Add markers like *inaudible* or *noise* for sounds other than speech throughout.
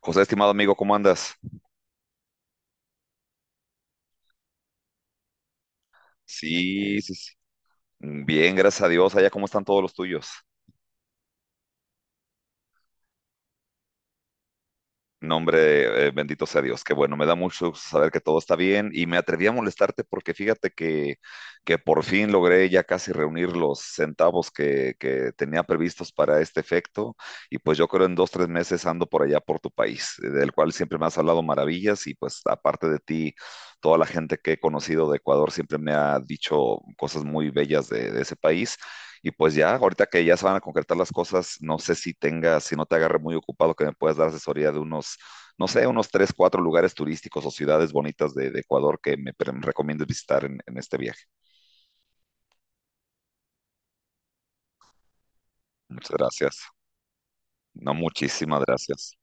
José, estimado amigo, ¿cómo andas? Sí, sí, sí. Bien, gracias a Dios. Allá, ¿cómo están todos los tuyos? No, hombre, bendito sea Dios. Qué bueno, me da mucho gusto saber que todo está bien. Y me atreví a molestarte porque fíjate que por fin logré ya casi reunir los centavos que tenía previstos para este efecto. Y pues yo creo en 2, 3 meses ando por allá por tu país, del cual siempre me has hablado maravillas. Y pues aparte de ti, toda la gente que he conocido de Ecuador siempre me ha dicho cosas muy bellas de ese país. Y pues ya, ahorita que ya se van a concretar las cosas, no sé si tenga, si no te agarre muy ocupado, que me puedas dar asesoría de unos, no sé, unos 3, 4 lugares turísticos o ciudades bonitas de Ecuador que me recomiendes visitar en este viaje. Muchas gracias. No, muchísimas gracias.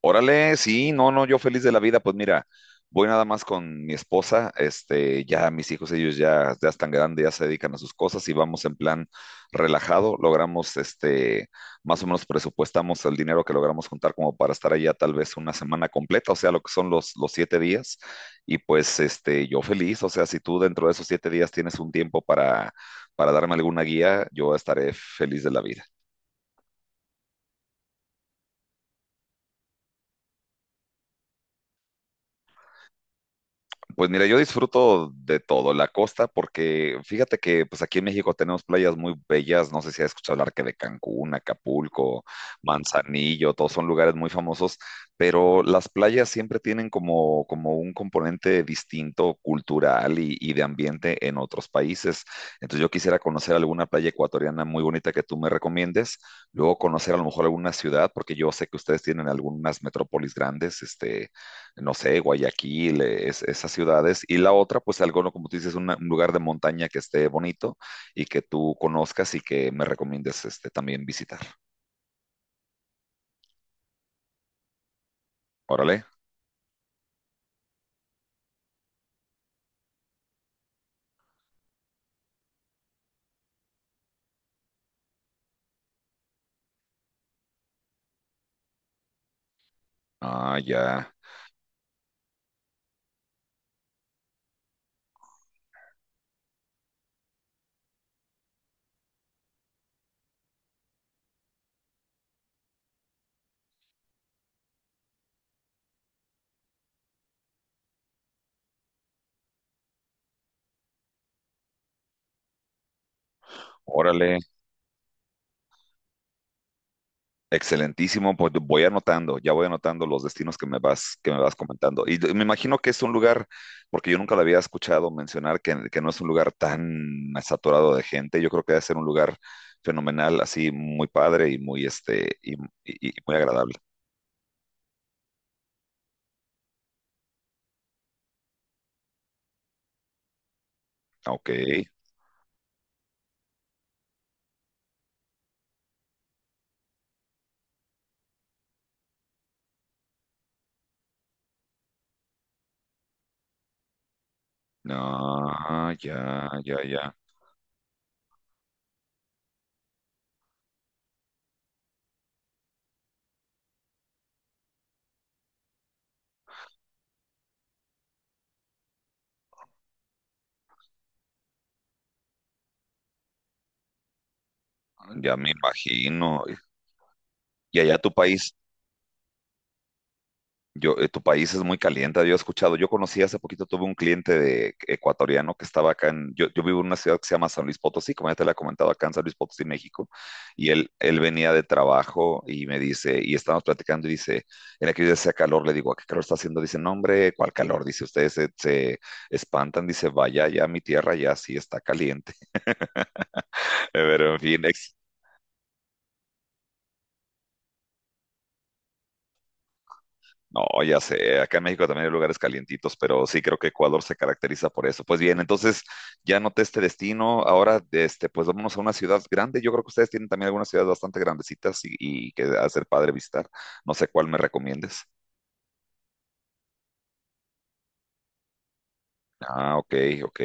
Órale, sí, no, no, yo feliz de la vida, pues mira, voy nada más con mi esposa, ya mis hijos, ellos ya están grandes, ya se dedican a sus cosas y vamos en plan relajado, logramos, más o menos presupuestamos el dinero que logramos juntar como para estar allá tal vez una semana completa, o sea, lo que son los siete días, y pues, yo feliz, o sea, si tú dentro de esos 7 días tienes un tiempo para, darme alguna guía, yo estaré feliz de la vida. Pues mira, yo disfruto de todo, la costa, porque fíjate que pues aquí en México tenemos playas muy bellas, no sé si has escuchado hablar que de Cancún, Acapulco, Manzanillo, todos son lugares muy famosos, pero las playas siempre tienen como un componente distinto, cultural y de ambiente en otros países. Entonces yo quisiera conocer alguna playa ecuatoriana muy bonita que tú me recomiendes, luego conocer a lo mejor alguna ciudad, porque yo sé que ustedes tienen algunas metrópolis grandes, no sé, Guayaquil, esas ciudades, y la otra, pues algo, ¿no? Como tú dices, un lugar de montaña que esté bonito y que tú conozcas y que me recomiendes también visitar. Órale, ah, ya, órale, excelentísimo, pues voy anotando, ya voy anotando los destinos que me vas comentando. Y me imagino que es un lugar, porque yo nunca lo había escuchado mencionar, que no es un lugar tan saturado de gente, yo creo que debe ser un lugar fenomenal, así muy padre y muy, y muy agradable. Ok. No, ya me imagino. Y allá tu país, tu país es muy caliente, había escuchado. Yo conocí hace poquito, tuve un cliente de ecuatoriano que estaba acá. Yo vivo en una ciudad que se llama San Luis Potosí, como ya te la he comentado, acá en San Luis Potosí, México, y él venía de trabajo y me dice, y estábamos platicando y dice, en aquel día hacía calor, le digo, ¿a qué calor está haciendo? Dice, no, hombre, ¿cuál calor? Dice, ustedes se espantan, dice, vaya, ya mi tierra ya sí está caliente. *laughs* Pero en fin. No, ya sé, acá en México también hay lugares calientitos, pero sí creo que Ecuador se caracteriza por eso. Pues bien, entonces ya noté este destino, ahora pues vámonos a una ciudad grande. Yo creo que ustedes tienen también algunas ciudades bastante grandecitas y que hacer padre visitar. No sé cuál me recomiendes. Ah, ok, ok.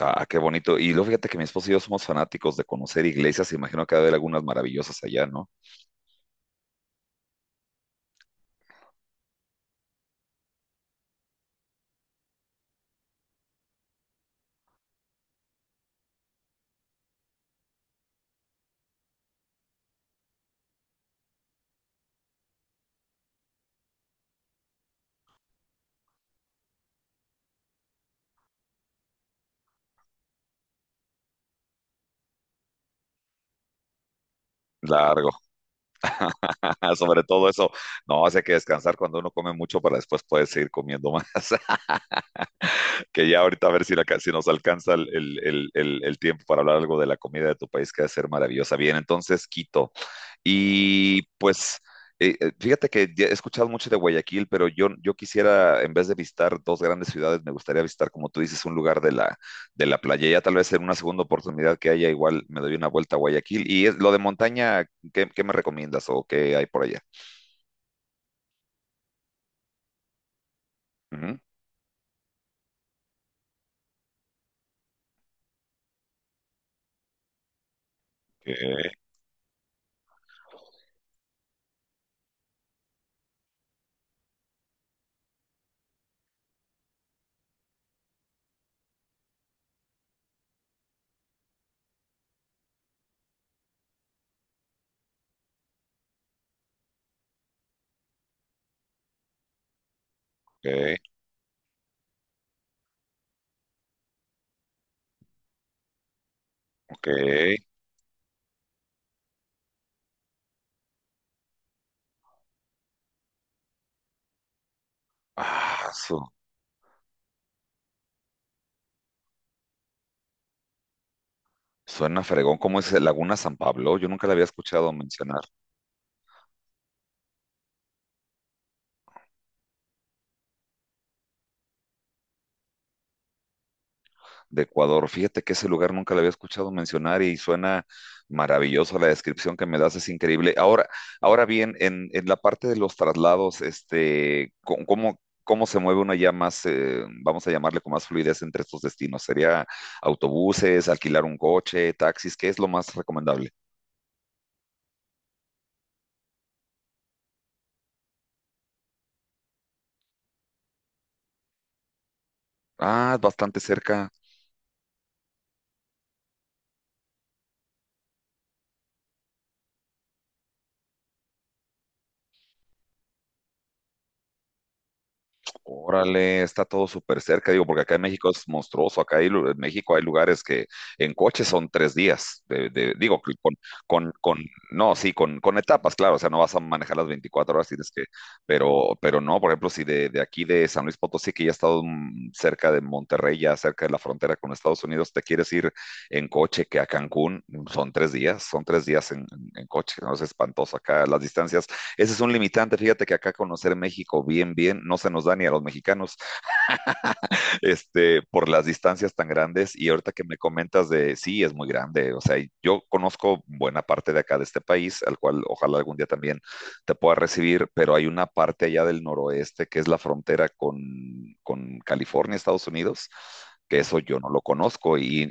Ah, qué bonito. Y luego fíjate que mi esposo y yo somos fanáticos de conocer iglesias, imagino que va a haber algunas maravillosas allá, ¿no? Largo, *laughs* sobre todo eso. No, hace que descansar cuando uno come mucho para después poder seguir comiendo *laughs* más. Que ya ahorita a ver si nos alcanza el tiempo para hablar algo de la comida de tu país, que debe ser maravillosa. Bien, entonces Quito. Y pues fíjate que ya he escuchado mucho de Guayaquil, pero yo quisiera, en vez de visitar dos grandes ciudades, me gustaría visitar, como tú dices, un lugar de la playa. Ya tal vez en una segunda oportunidad que haya, igual me doy una vuelta a Guayaquil. Y lo de montaña, ¿qué me recomiendas o qué hay por allá? Ujú. Ok, ok, ok. Ah, Suena fregón, ¿cómo es Laguna San Pablo? Yo nunca la había escuchado mencionar de Ecuador. Fíjate que ese lugar nunca la había escuchado mencionar y suena maravilloso la descripción que me das, es increíble. Ahora bien, en la parte de los traslados, ¿cómo se mueve una ya más, vamos a llamarle con más fluidez entre estos destinos? ¿Sería autobuses, alquilar un coche, taxis? ¿Qué es lo más recomendable? Ah, bastante cerca. Órale, está todo súper cerca, digo, porque acá en México es monstruoso. Acá hay en México hay lugares que en coche son 3 días. Digo, que con, con, no, sí, con etapas, claro. O sea, no vas a manejar las 24 horas, tienes que, pero no, por ejemplo, si de aquí de San Luis Potosí, que ya he estado cerca de Monterrey, ya cerca de la frontera con Estados Unidos, te quieres ir en coche que a Cancún, son tres días en coche, ¿no? Es espantoso acá. Las distancias ese es un limitante. Fíjate que acá conocer México bien, bien, no se nos da ni a los mexicanos por las distancias tan grandes. Y ahorita que me comentas sí, es muy grande. O sea, yo conozco buena parte de acá de este país, al cual ojalá algún día también te pueda recibir, pero hay una parte allá del noroeste que es la frontera con California, Estados Unidos, que eso yo no lo conozco y, y,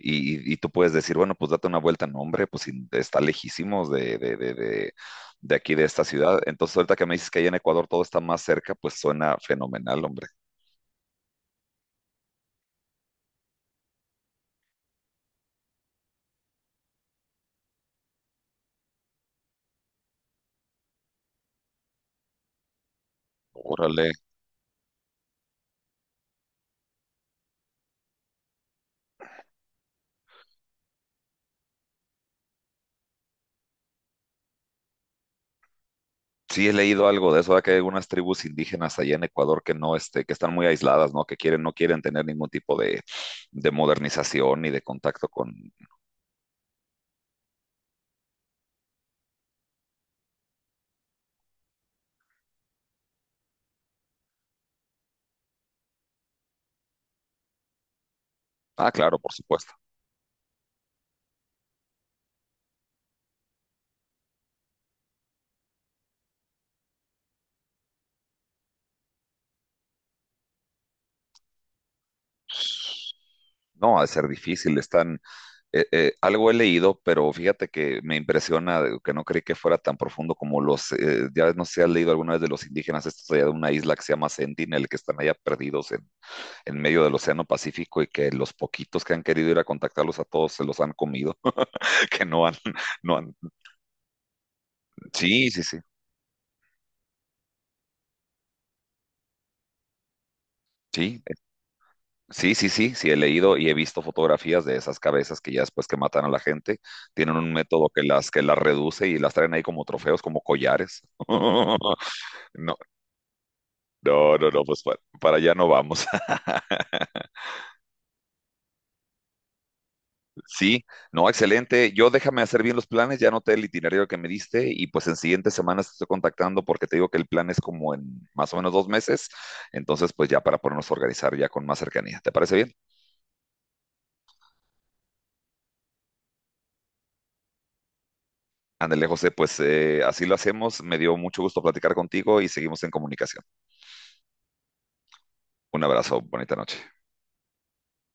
y tú puedes decir, bueno, pues date una vuelta, no hombre, pues sí, está lejísimos de aquí de esta ciudad. Entonces, ahorita que me dices que allá en Ecuador todo está más cerca, pues suena fenomenal, hombre. Órale, sí, he leído algo de eso, ¿verdad? Que hay algunas tribus indígenas allá en Ecuador que no, que están muy aisladas, ¿no? Que quieren, no quieren tener ningún tipo de modernización ni de contacto con. Ah, claro, por supuesto. No, ha de ser difícil. Están, algo he leído, pero fíjate que me impresiona que no creí que fuera tan profundo como ya no sé si has leído alguna vez de los indígenas, estos allá de una isla que se llama Sentinel, que están allá perdidos en medio del Océano Pacífico y que los poquitos que han querido ir a contactarlos a todos se los han comido. *laughs* Que no han, no han, sí, sí, sí, sí, sí, sí, sí, sí, he leído y he visto fotografías de esas cabezas que ya después que matan a la gente, tienen un método que las reduce y las traen ahí como trofeos, como collares. *laughs* No, no, no, no, pues para allá no vamos. *laughs* Sí, no, excelente. Yo déjame hacer bien los planes, ya anoté el itinerario que me diste y pues en siguientes semanas te estoy contactando porque te digo que el plan es como en más o menos 2 meses, entonces pues ya para ponernos a organizar ya con más cercanía. ¿Te parece bien? Ándale, José, pues así lo hacemos. Me dio mucho gusto platicar contigo y seguimos en comunicación. Un abrazo, bonita noche.